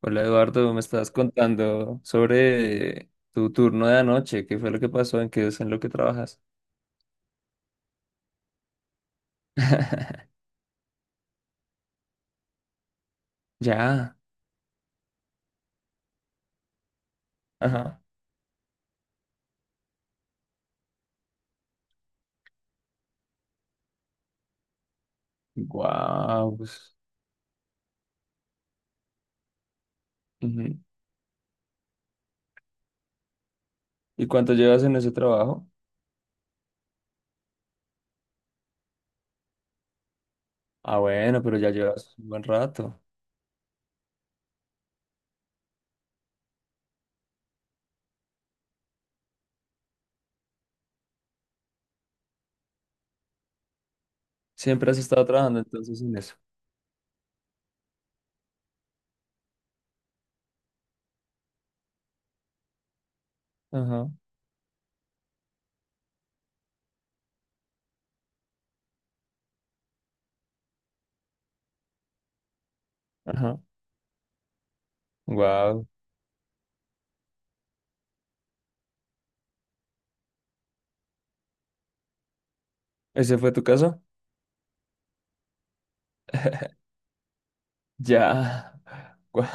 Hola Eduardo, me estás contando sobre tu turno de anoche, qué fue lo que pasó, en qué es en lo que trabajas. Ya, ajá. Guau. Pues, ujú. ¿Y cuánto llevas en ese trabajo? Ah, bueno, pero ya llevas un buen rato. Siempre has estado trabajando entonces en eso. Ajá, ajá. Guau. ¿Ese fue tu caso? Ya. Guau.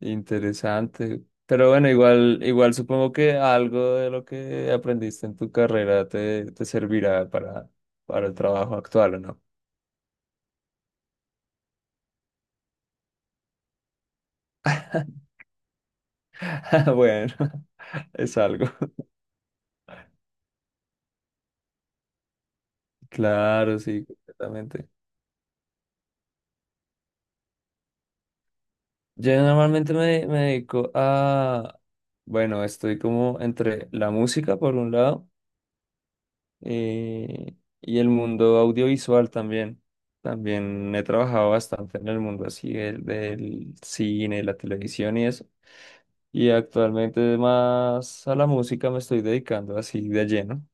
Interesante. Pero bueno, igual, igual supongo que algo de lo que aprendiste en tu carrera te servirá para el trabajo actual, ¿o no? Bueno, es algo. Claro, sí, completamente. Yo normalmente me dedico a, bueno, estoy como entre la música por un lado eh, y el mundo audiovisual también. También he trabajado bastante en el mundo así del cine, la televisión y eso. Y actualmente más a la música me estoy dedicando así de lleno.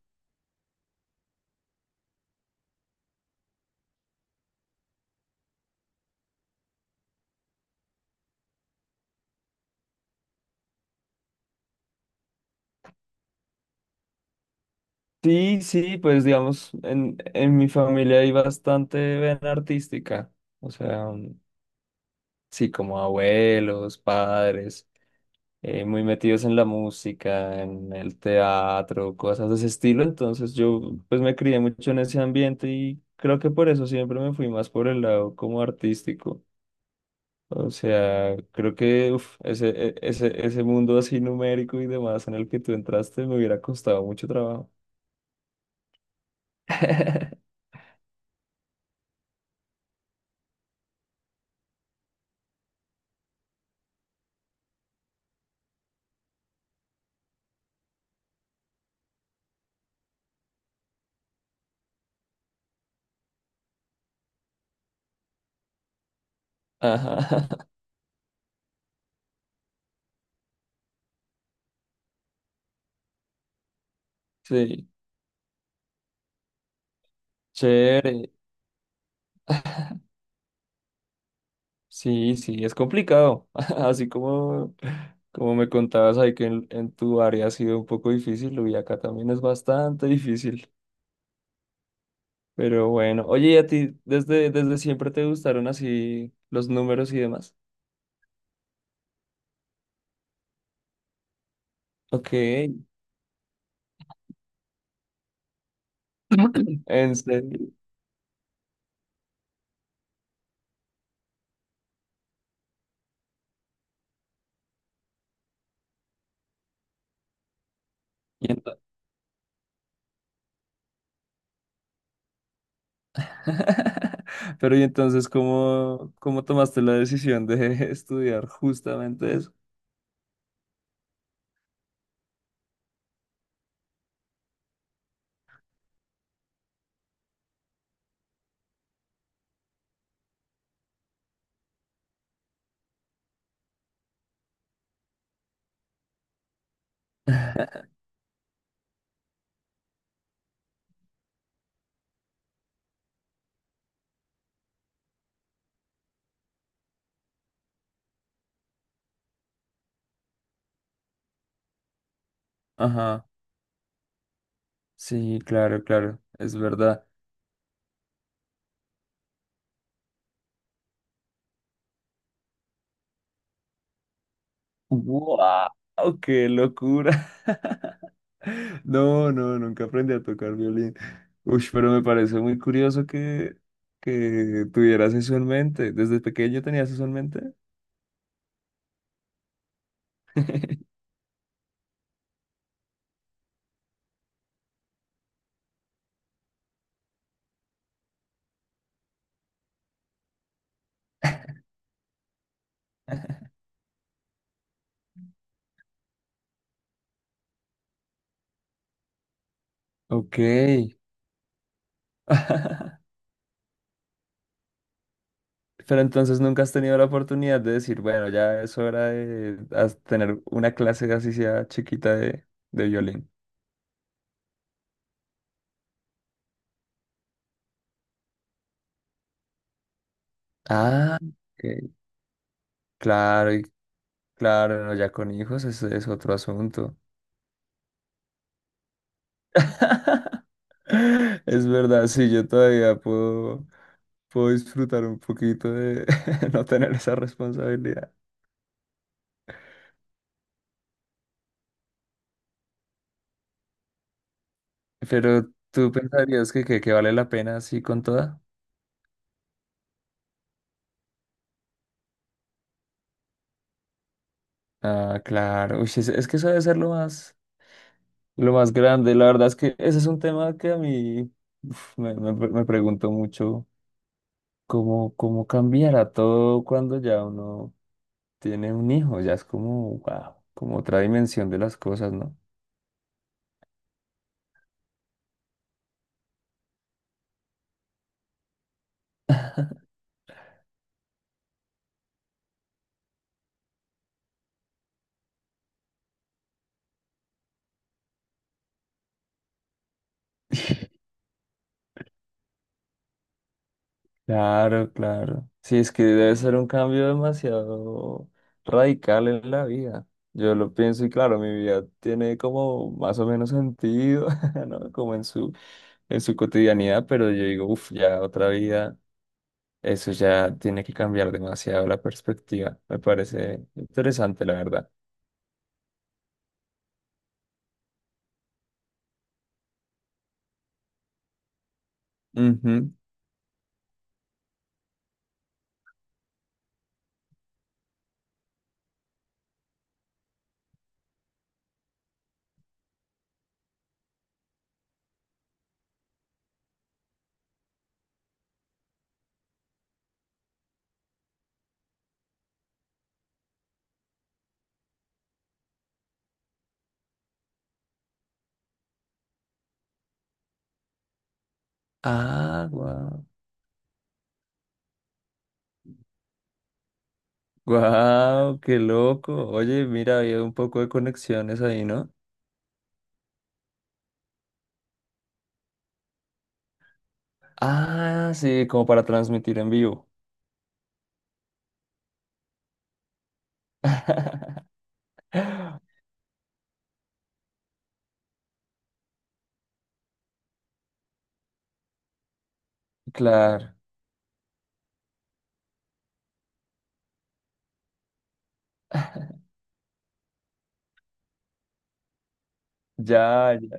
Sí, sí, pues digamos, en mi familia hay bastante vena artística, o sea, sí, como abuelos, padres, muy metidos en la música, en el teatro, cosas de ese estilo, entonces yo pues me crié mucho en ese ambiente y creo que por eso siempre me fui más por el lado como artístico. O sea, creo que uf, ese mundo así numérico y demás en el que tú entraste me hubiera costado mucho trabajo. Ajá, sí, chévere. Sí, sí, es complicado. Así como, como me contabas ahí que en tu área ha sido un poco difícil, y acá también es bastante difícil. Pero bueno, oye, ¿y a ti desde, desde siempre te gustaron así los números y demás? Ok, en serio. Y pero y entonces, ¿cómo, cómo tomaste la decisión de estudiar justamente eso? Ajá, sí, claro, claro, es verdad. ¡Wow! ¡Qué locura! No, no, nunca aprendí a tocar violín. Uy, pero me parece muy curioso que tuvieras eso en mente. ¿Desde pequeño tenías eso en mente? Ok. Pero entonces nunca has tenido la oportunidad de decir, bueno, ya es hora de tener una clase así sea chiquita de violín. Ah, ok. Claro, y claro, no, ya con hijos eso es otro asunto. Es verdad, sí, yo todavía puedo, puedo disfrutar un poquito de no tener esa responsabilidad. Pero tú pensarías que vale la pena así con toda. Ah, claro. Uy, es que eso debe ser lo más. Lo más grande, la verdad es que ese es un tema que a mí uf, me pregunto mucho cómo, cómo cambiará todo cuando ya uno tiene un hijo, ya es como, wow, como otra dimensión de las cosas, ¿no? Claro, claro. Sí, es que debe ser un cambio demasiado radical en la vida. Yo lo pienso y claro, mi vida tiene como más o menos sentido, ¿no? Como en su cotidianidad, pero yo digo, uff, ya otra vida. Eso ya tiene que cambiar demasiado la perspectiva. Me parece interesante, la verdad. Ujú. Ah, guau. Guau, qué loco. Oye, mira, había un poco de conexiones ahí, ¿no? Ah, sí, como para transmitir en vivo. Claro. Ya, ya.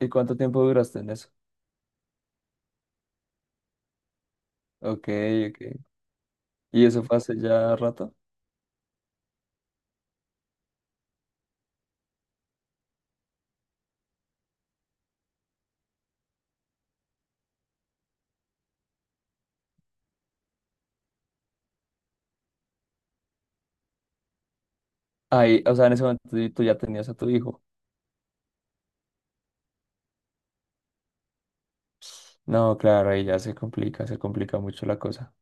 ¿Y cuánto tiempo duraste en eso? Ok, ok. ¿Y eso fue hace ya rato? Ahí, o sea, en ese momento tú ya tenías a tu hijo. No, claro, ahí ya se complica mucho la cosa.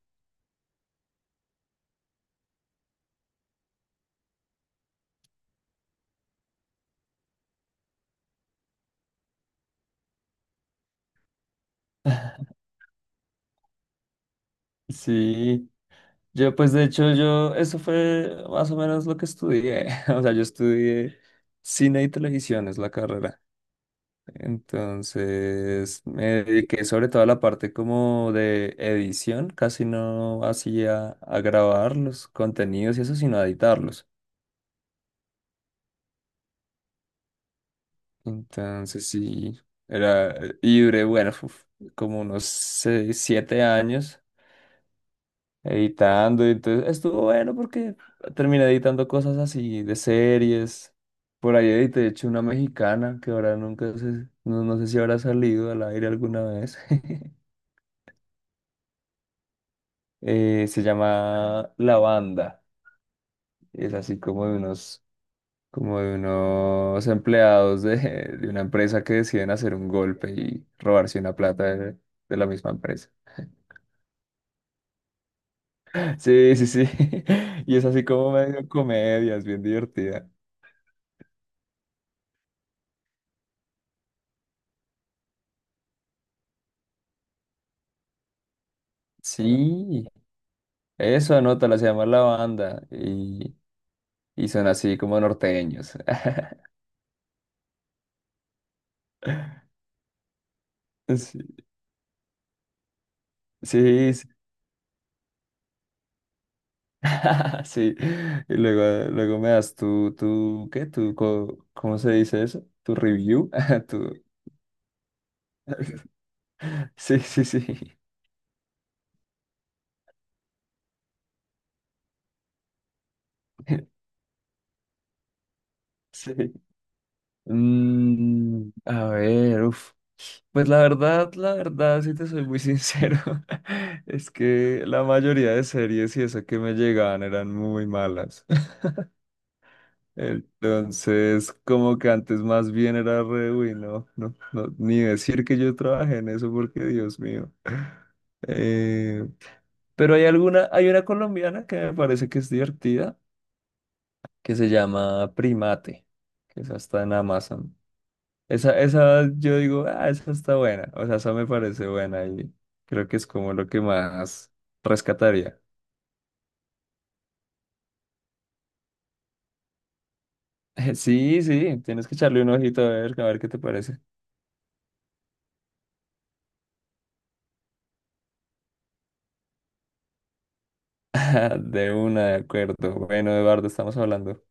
Sí. Yo, pues de hecho, yo, eso fue más o menos lo que estudié. O sea, yo estudié cine y televisión, es la carrera. Entonces, me dediqué sobre todo a la parte como de edición, casi no hacía a grabar los contenidos y eso, sino a editarlos. Entonces, sí, era, y duré, bueno, uf, como unos seis, siete años editando. Entonces estuvo bueno porque terminé editando cosas así de series. Por ahí edité, de hecho, una mexicana que ahora nunca sé, no, no sé si habrá salido al aire alguna vez. Se llama La Banda. Es así como de unos empleados de una empresa que deciden hacer un golpe y robarse una plata de la misma empresa. Sí, sí, sí. Y es así como medio comedia, es bien divertida. Sí. Eso anota, la se llama La Banda y son así como norteños. Sí, sí, sí. Sí. Y luego, luego me das tu, tu, ¿qué? Tu, co- ¿cómo se dice eso? Tu review. Tu... Sí, sí, sí. Sí. Mm, a ver, uf. Pues la verdad, si te soy muy sincero, es que la mayoría de series y eso que me llegaban eran muy malas. Entonces, como que antes más bien era re, uy, no, no, no, ni decir que yo trabajé en eso porque Dios mío. Eh, pero hay alguna, hay una colombiana que me parece que es divertida, que se llama Primate, que esa está en Amazon. Esa yo digo, ah, esa está buena, o sea, esa me parece buena y creo que es como lo que más rescataría. Sí, sí, tienes que echarle un ojito a ver qué te parece. De una, de acuerdo. Bueno, Eduardo, estamos hablando.